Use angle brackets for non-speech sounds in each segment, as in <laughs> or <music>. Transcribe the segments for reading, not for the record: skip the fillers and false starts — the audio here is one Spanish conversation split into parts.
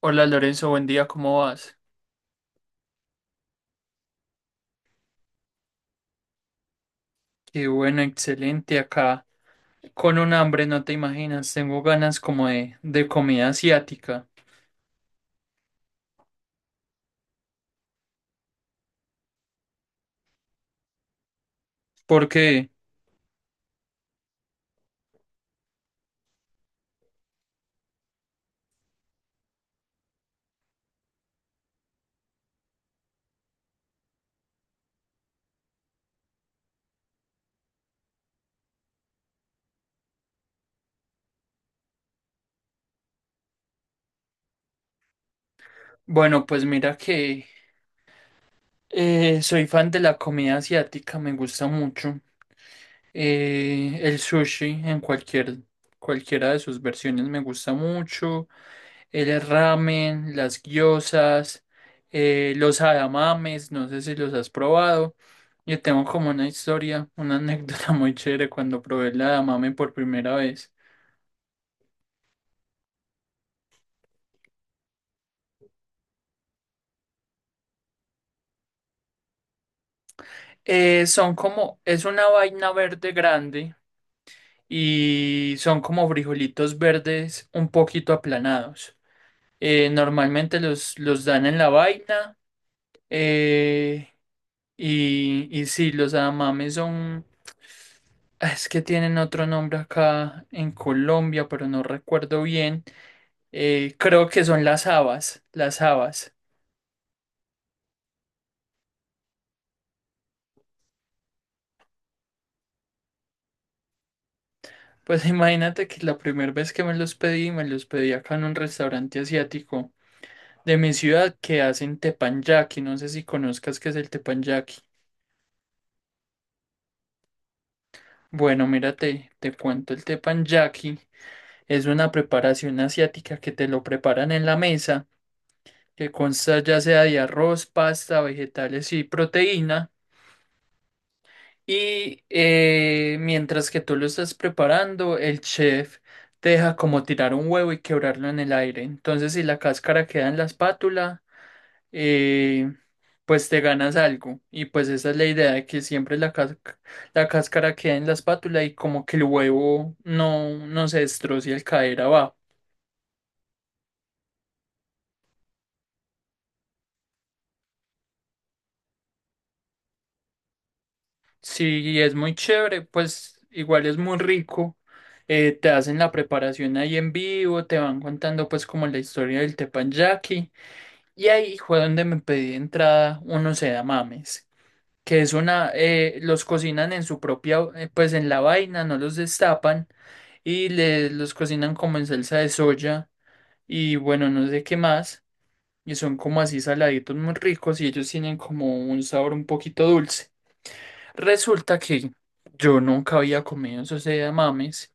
Hola Lorenzo, buen día, ¿cómo vas? Qué bueno, excelente acá. Con un hambre, no te imaginas, tengo ganas como de comida asiática. Porque, bueno, pues mira que soy fan de la comida asiática, me gusta mucho. El sushi en cualquiera de sus versiones me gusta mucho. El ramen, las gyozas, los adamames, no sé si los has probado. Yo tengo como una historia, una anécdota <laughs> muy chévere cuando probé el adamame por primera vez. Es una vaina verde grande y son como frijolitos verdes un poquito aplanados. Normalmente los dan en la vaina, eh, y sí, los adamames son... Ah, es que tienen otro nombre acá en Colombia, pero no recuerdo bien. Creo que son las habas, las habas. Pues <laughs> imagínate que la primera vez que me los pedí acá en un restaurante asiático de mi ciudad que hacen teppanyaki. No sé si conozcas qué es el teppanyaki. Bueno, mírate, te cuento el teppanyaki. Es una preparación asiática que te lo preparan en la mesa, que consta ya sea de arroz, pasta, vegetales y proteína. Y mientras que tú lo estás preparando, el chef te deja como tirar un huevo y quebrarlo en el aire. Entonces, si la cáscara queda en la espátula, eh, pues te ganas algo. Y pues esa es la idea de que siempre la cáscara queda en la espátula y como que el huevo no, no se destroce al caer abajo. Si es muy chévere, pues igual es muy rico. Te hacen la preparación ahí en vivo, te van contando pues como la historia del teppanyaki. Y ahí fue donde me pedí entrada unos edamames, que es una, los cocinan en su propia, pues en la vaina, no los destapan y los cocinan como en salsa de soya y bueno, no sé qué más, y son como así saladitos, muy ricos, y ellos tienen como un sabor un poquito dulce. Resulta que yo nunca había comido esos edamames.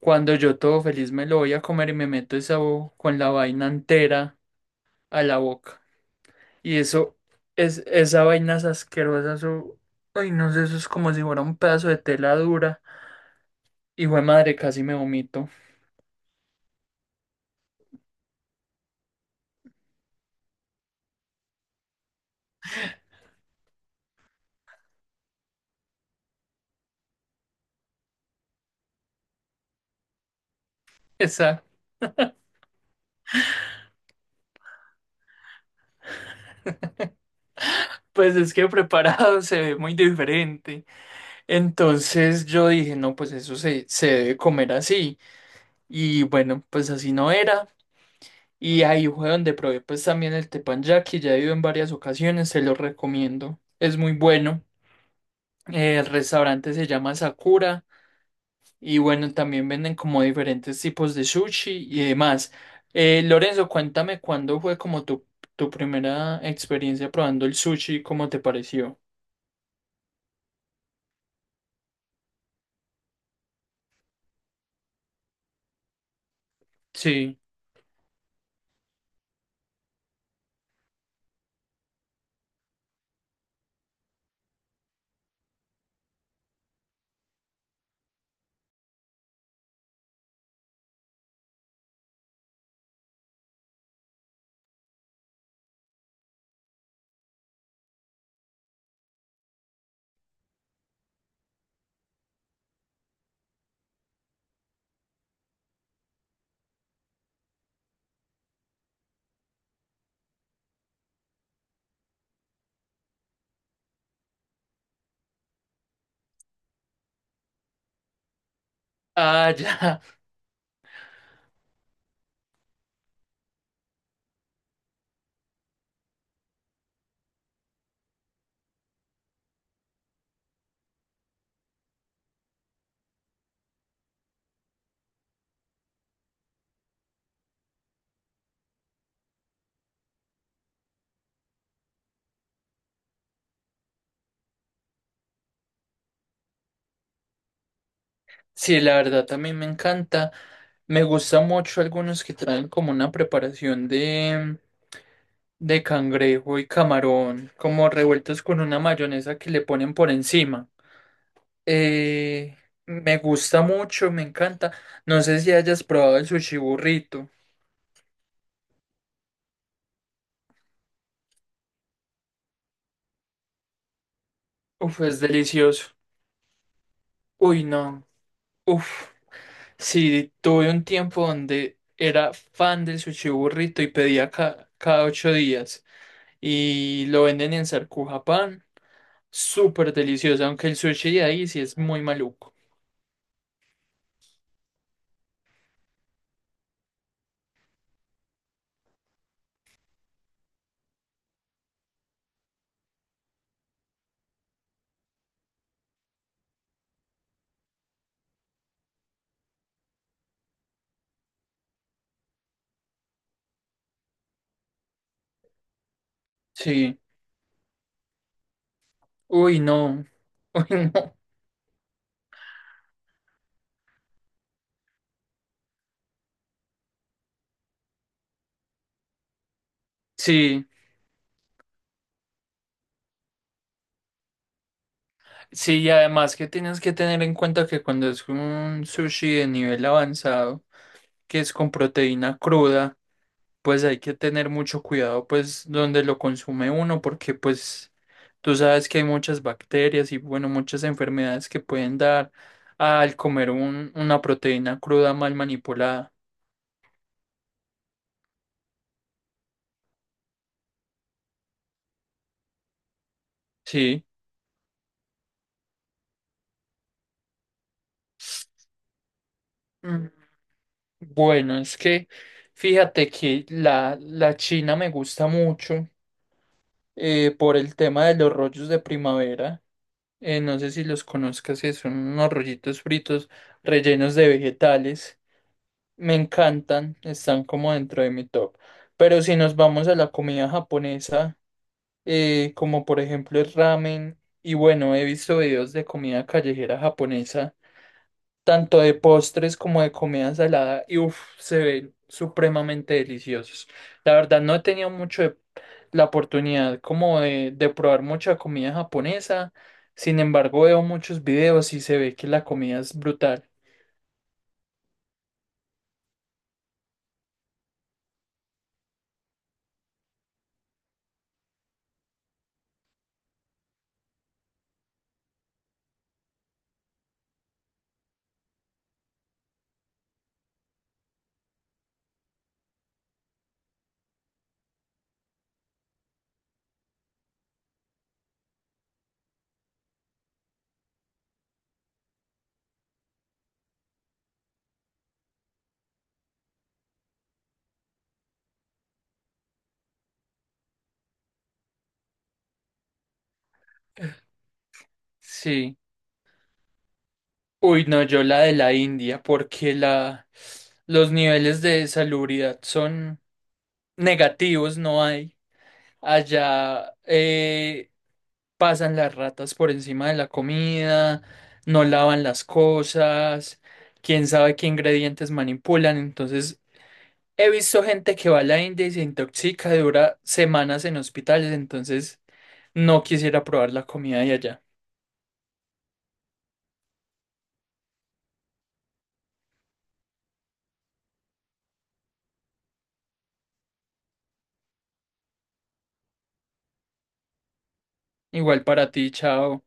Cuando yo todo feliz me lo voy a comer y me meto con la vaina entera a la boca. Y eso es, esa vaina es asquerosa, eso, ay, no sé, eso es como si fuera un pedazo de tela dura. Y güey, madre, casi me vomito. Esa, pues es que preparado <laughs> se ve muy diferente. Entonces yo dije, no, pues eso se debe comer así. Y bueno, pues así no era. Y ahí fue donde probé pues también el teppanyaki, ya he ido en varias ocasiones, se lo recomiendo. Es muy bueno. El restaurante se llama Sakura. Y bueno, también venden como diferentes tipos de sushi y demás. Lorenzo, cuéntame cuándo fue como tu primera experiencia probando el sushi, ¿cómo te pareció? Sí. Ah, <laughs> ya. Sí, la verdad también me encanta. Me gusta mucho algunos que traen como una preparación de cangrejo y camarón, como revueltos con una mayonesa que le ponen por encima. Eh, me gusta mucho, me encanta. No sé si hayas probado el sushi burrito. Uf, es delicioso. Uy, no. Uf. Sí, tuve un tiempo donde era fan del sushi burrito y pedía cada 8 días, y lo venden en Sarcujapán. Súper delicioso, aunque el sushi de ahí sí es muy maluco. Sí. Uy, no. <laughs> Uy, no. Sí, sí, y además que tienes que tener en cuenta que cuando es un sushi de nivel avanzado, que es con proteína cruda, pues hay que tener mucho cuidado, pues, donde lo consume uno, porque pues tú sabes que hay muchas bacterias y bueno, muchas enfermedades que pueden dar al comer una proteína cruda mal manipulada. Sí. Mm, bueno, es que fíjate que la china me gusta mucho, por el tema de los rollos de primavera. No sé si los conozcas, que son unos rollitos fritos rellenos de vegetales. Me encantan, están como dentro de mi top. Pero si nos vamos a la comida japonesa, como por ejemplo el ramen, y bueno, he visto videos de comida callejera japonesa, tanto de postres como de comida salada, y uff, se ven supremamente deliciosos. La verdad no he tenido la oportunidad como de probar mucha comida japonesa, sin embargo veo muchos videos y se ve que la comida es brutal. Sí. Uy, no, yo la de la India, porque los niveles de salubridad son negativos, no hay. Allá, pasan las ratas por encima de la comida, no lavan las cosas, quién sabe qué ingredientes manipulan. Entonces, he visto gente que va a la India y se intoxica, dura semanas en hospitales, entonces no quisiera probar la comida de allá. Igual para ti, chao.